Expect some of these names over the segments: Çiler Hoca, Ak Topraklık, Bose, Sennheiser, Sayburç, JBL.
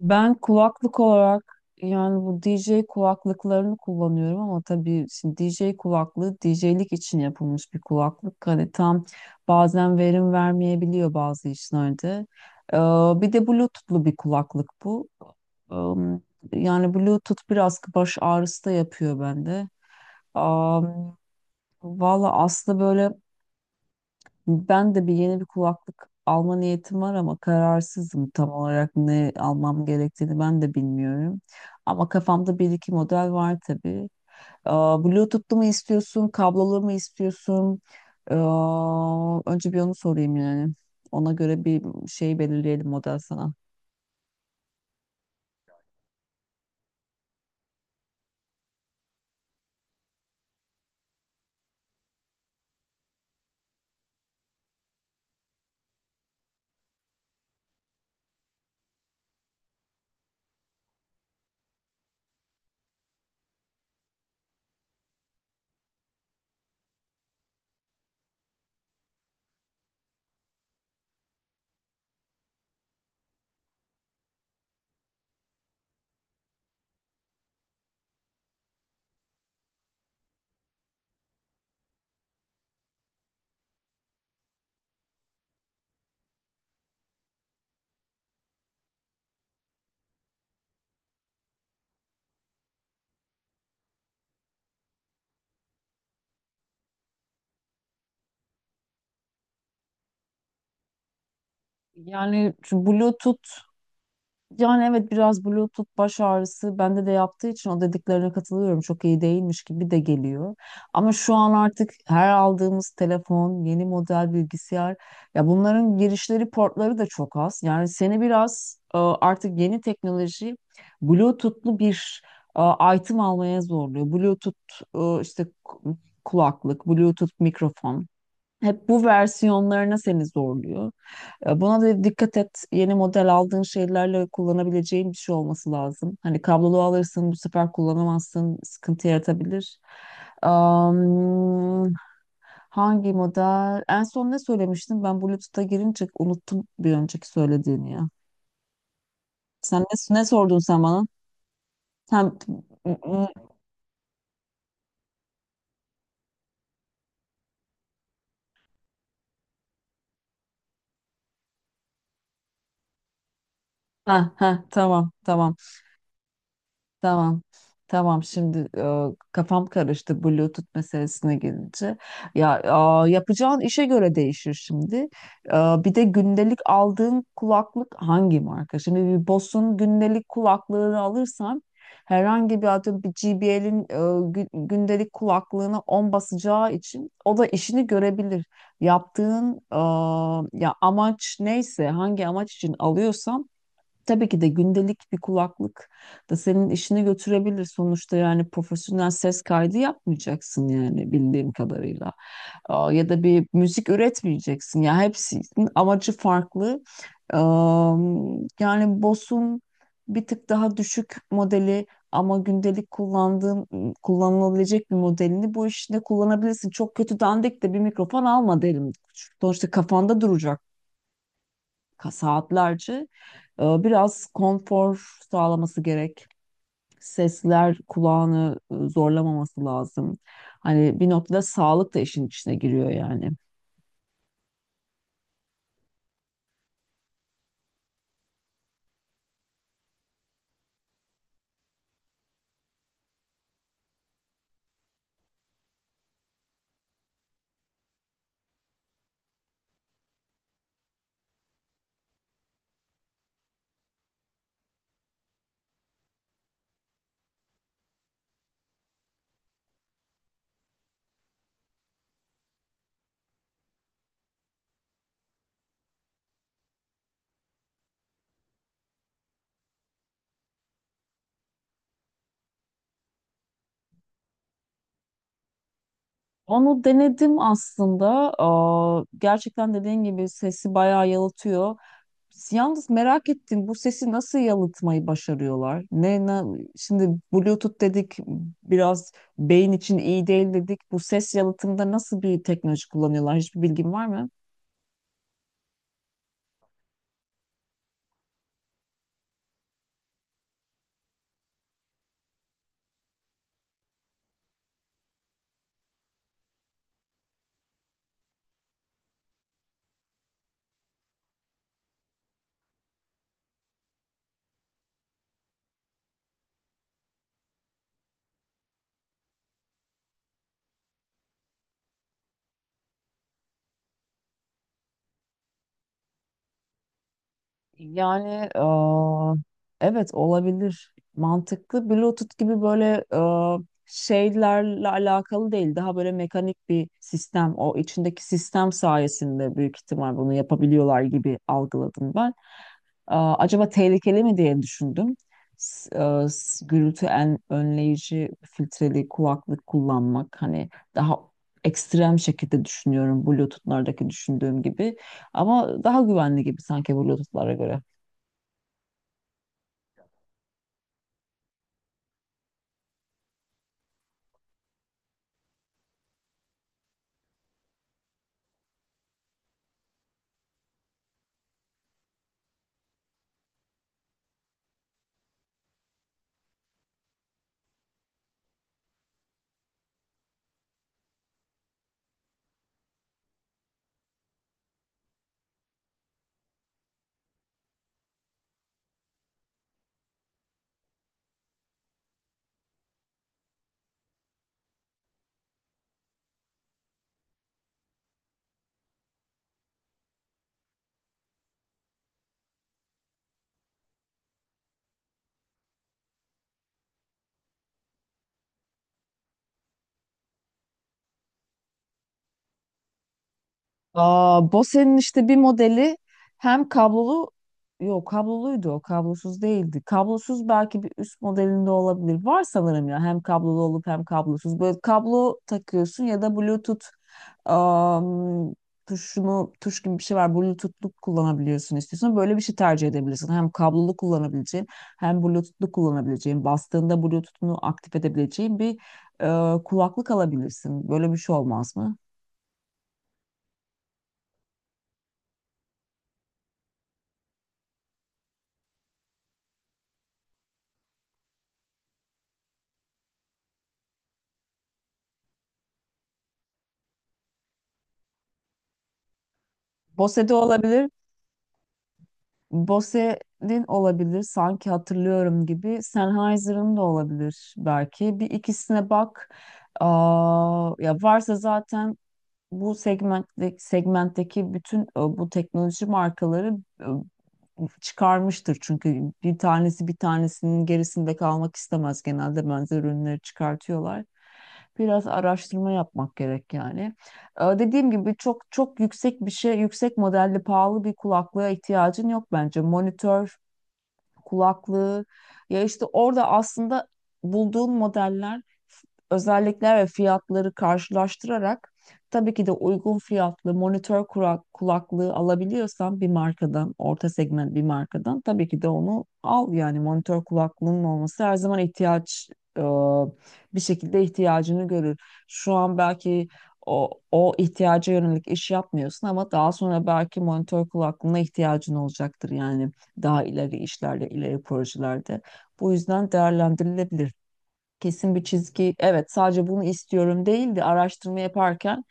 Ben kulaklık olarak yani bu DJ kulaklıklarını kullanıyorum ama tabii şimdi DJ kulaklığı DJ'lik için yapılmış bir kulaklık. Hani tam bazen verim vermeyebiliyor bazı işlerde. Ee, Bir de Bluetooth'lu bir kulaklık bu. Am, Yani Bluetooth biraz baş ağrısı da yapıyor bende. Am, Valla aslında böyle ben de yeni bir kulaklık alma niyetim var ama kararsızım tam olarak ne almam gerektiğini ben de bilmiyorum. Ama kafamda bir iki model var tabii. Bluetooth'lu mu istiyorsun, kablolu mu istiyorsun? Önce bir onu sorayım yani. Ona göre bir şey belirleyelim model sana. Yani şu Bluetooth. Yani evet biraz Bluetooth baş ağrısı bende de yaptığı için o dediklerine katılıyorum. Çok iyi değilmiş gibi de geliyor. Ama şu an artık her aldığımız telefon, yeni model bilgisayar, ya bunların girişleri portları da çok az. Yani seni biraz artık yeni teknoloji Bluetooth'lu bir e, item almaya zorluyor. Bluetooth, işte kulaklık, Bluetooth mikrofon. Hep bu versiyonlarına seni zorluyor. Buna da dikkat et. Yeni model aldığın şeylerle kullanabileceğin bir şey olması lazım. Hani kablolu alırsın bu sefer kullanamazsın. Sıkıntı yaratabilir. Am, Hangi model? En son ne söylemiştim? Ben Bluetooth'a girince unuttum bir önceki söylediğini ya. Sen ne sordun sen bana? Sen, ha, ha, tamam tamam. Tamam. Tamam şimdi, kafam karıştı Bluetooth meselesine gelince. Ya yapacağın işe göre değişir şimdi. Bir de gündelik aldığın kulaklık hangi marka? Şimdi bir Bose'un gündelik kulaklığını alırsan herhangi bir, atıyorum, bir JBL'in gündelik kulaklığına 10 basacağı için o da işini görebilir. Yaptığın ya amaç neyse, hangi amaç için alıyorsan, tabii ki de gündelik bir kulaklık da senin işini götürebilir. Sonuçta yani profesyonel ses kaydı yapmayacaksın yani bildiğim kadarıyla. Ya da bir müzik üretmeyeceksin. Ya hepsinin amacı farklı. Yani Bose'un bir tık daha düşük modeli ama gündelik kullandığın kullanılabilecek bir modelini bu işte kullanabilirsin. Çok kötü dandik de bir mikrofon alma derim. Sonuçta kafanda duracak, saatlerce biraz konfor sağlaması gerek. Sesler kulağını zorlamaması lazım. Hani bir noktada sağlık da işin içine giriyor yani. Onu denedim aslında. Gerçekten dediğin gibi sesi bayağı yalıtıyor. Yalnız merak ettim, bu sesi nasıl yalıtmayı başarıyorlar? Ne şimdi, Bluetooth dedik biraz beyin için iyi değil dedik. Bu ses yalıtımında nasıl bir teknoloji kullanıyorlar? Hiçbir bilgin var mı? Yani evet, olabilir. Mantıklı. Bluetooth gibi böyle şeylerle alakalı değil. Daha böyle mekanik bir sistem. O içindeki sistem sayesinde büyük ihtimal bunu yapabiliyorlar gibi algıladım ben. Acaba tehlikeli mi diye düşündüm. Gürültü en önleyici filtreli kulaklık kullanmak hani daha ekstrem şekilde düşünüyorum Bluetooth'lardaki düşündüğüm gibi. Ama daha güvenli gibi sanki Bluetooth'lara göre. Bose'nin işte bir modeli, hem kablolu, yok kabloluydu o, kablosuz değildi. Kablosuz belki bir üst modelinde olabilir. Var sanırım ya, hem kablolu olup hem kablosuz. Böyle kablo takıyorsun ya da Bluetooth, am, tuşunu, tuş gibi bir şey var. Bluetooth'lu kullanabiliyorsun, istiyorsan böyle bir şey tercih edebilirsin. Hem kablolu kullanabileceğin hem Bluetooth'lu kullanabileceğin, bastığında Bluetooth'unu aktif edebileceğin bir kulaklık alabilirsin. Böyle bir şey olmaz mı? Bose de olabilir. Bose'nin olabilir. Sanki hatırlıyorum gibi. Sennheiser'ın da olabilir belki. Bir ikisine bak. Ya varsa zaten bu segmentteki bütün bu teknoloji markaları e, çıkarmıştır, çünkü bir tanesi bir tanesinin gerisinde kalmak istemez, genelde benzer ürünleri çıkartıyorlar. Biraz araştırma yapmak gerek yani. Dediğim gibi çok çok yüksek modelli pahalı bir kulaklığa ihtiyacın yok bence. Monitör kulaklığı. Ya işte orada aslında bulduğun modeller, özellikler ve fiyatları karşılaştırarak, tabii ki de uygun fiyatlı monitör kulaklığı alabiliyorsan bir markadan, orta segment bir markadan, tabii ki de onu al. Yani monitör kulaklığının olması her zaman e, bir şekilde ihtiyacını görür. Şu an belki o ihtiyaca yönelik iş yapmıyorsun ama daha sonra belki monitör kulaklığına ihtiyacın olacaktır yani daha ileri işlerle ileri projelerde. Bu yüzden değerlendirilebilir. Kesin bir çizgi, evet sadece bunu istiyorum değil de, araştırma yaparken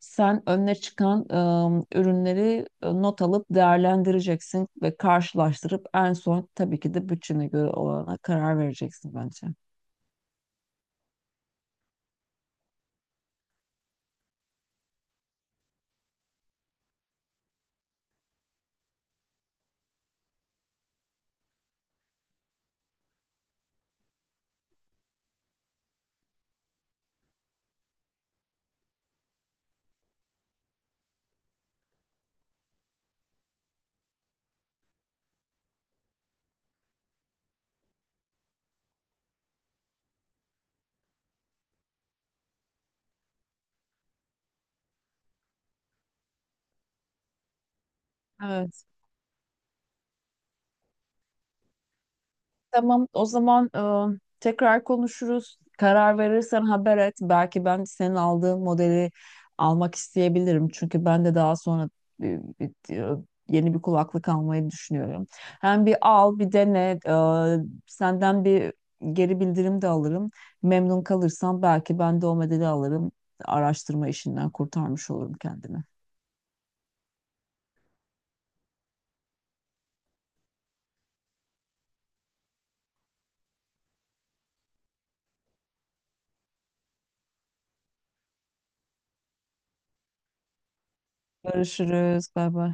sen önüne çıkan ürünleri not alıp değerlendireceksin ve karşılaştırıp en son tabii ki de bütçene göre olana karar vereceksin bence. Evet. Tamam, o zaman tekrar konuşuruz. Karar verirsen haber et. Belki ben senin aldığın modeli almak isteyebilirim. Çünkü ben de daha sonra e, bir- e, yeni bir kulaklık almayı düşünüyorum. Hem bir al, bir dene. Senden bir geri bildirim de alırım. Memnun kalırsam belki ben de o modeli alırım. Araştırma işinden kurtarmış olurum kendimi. Görüşürüz. Bay bay.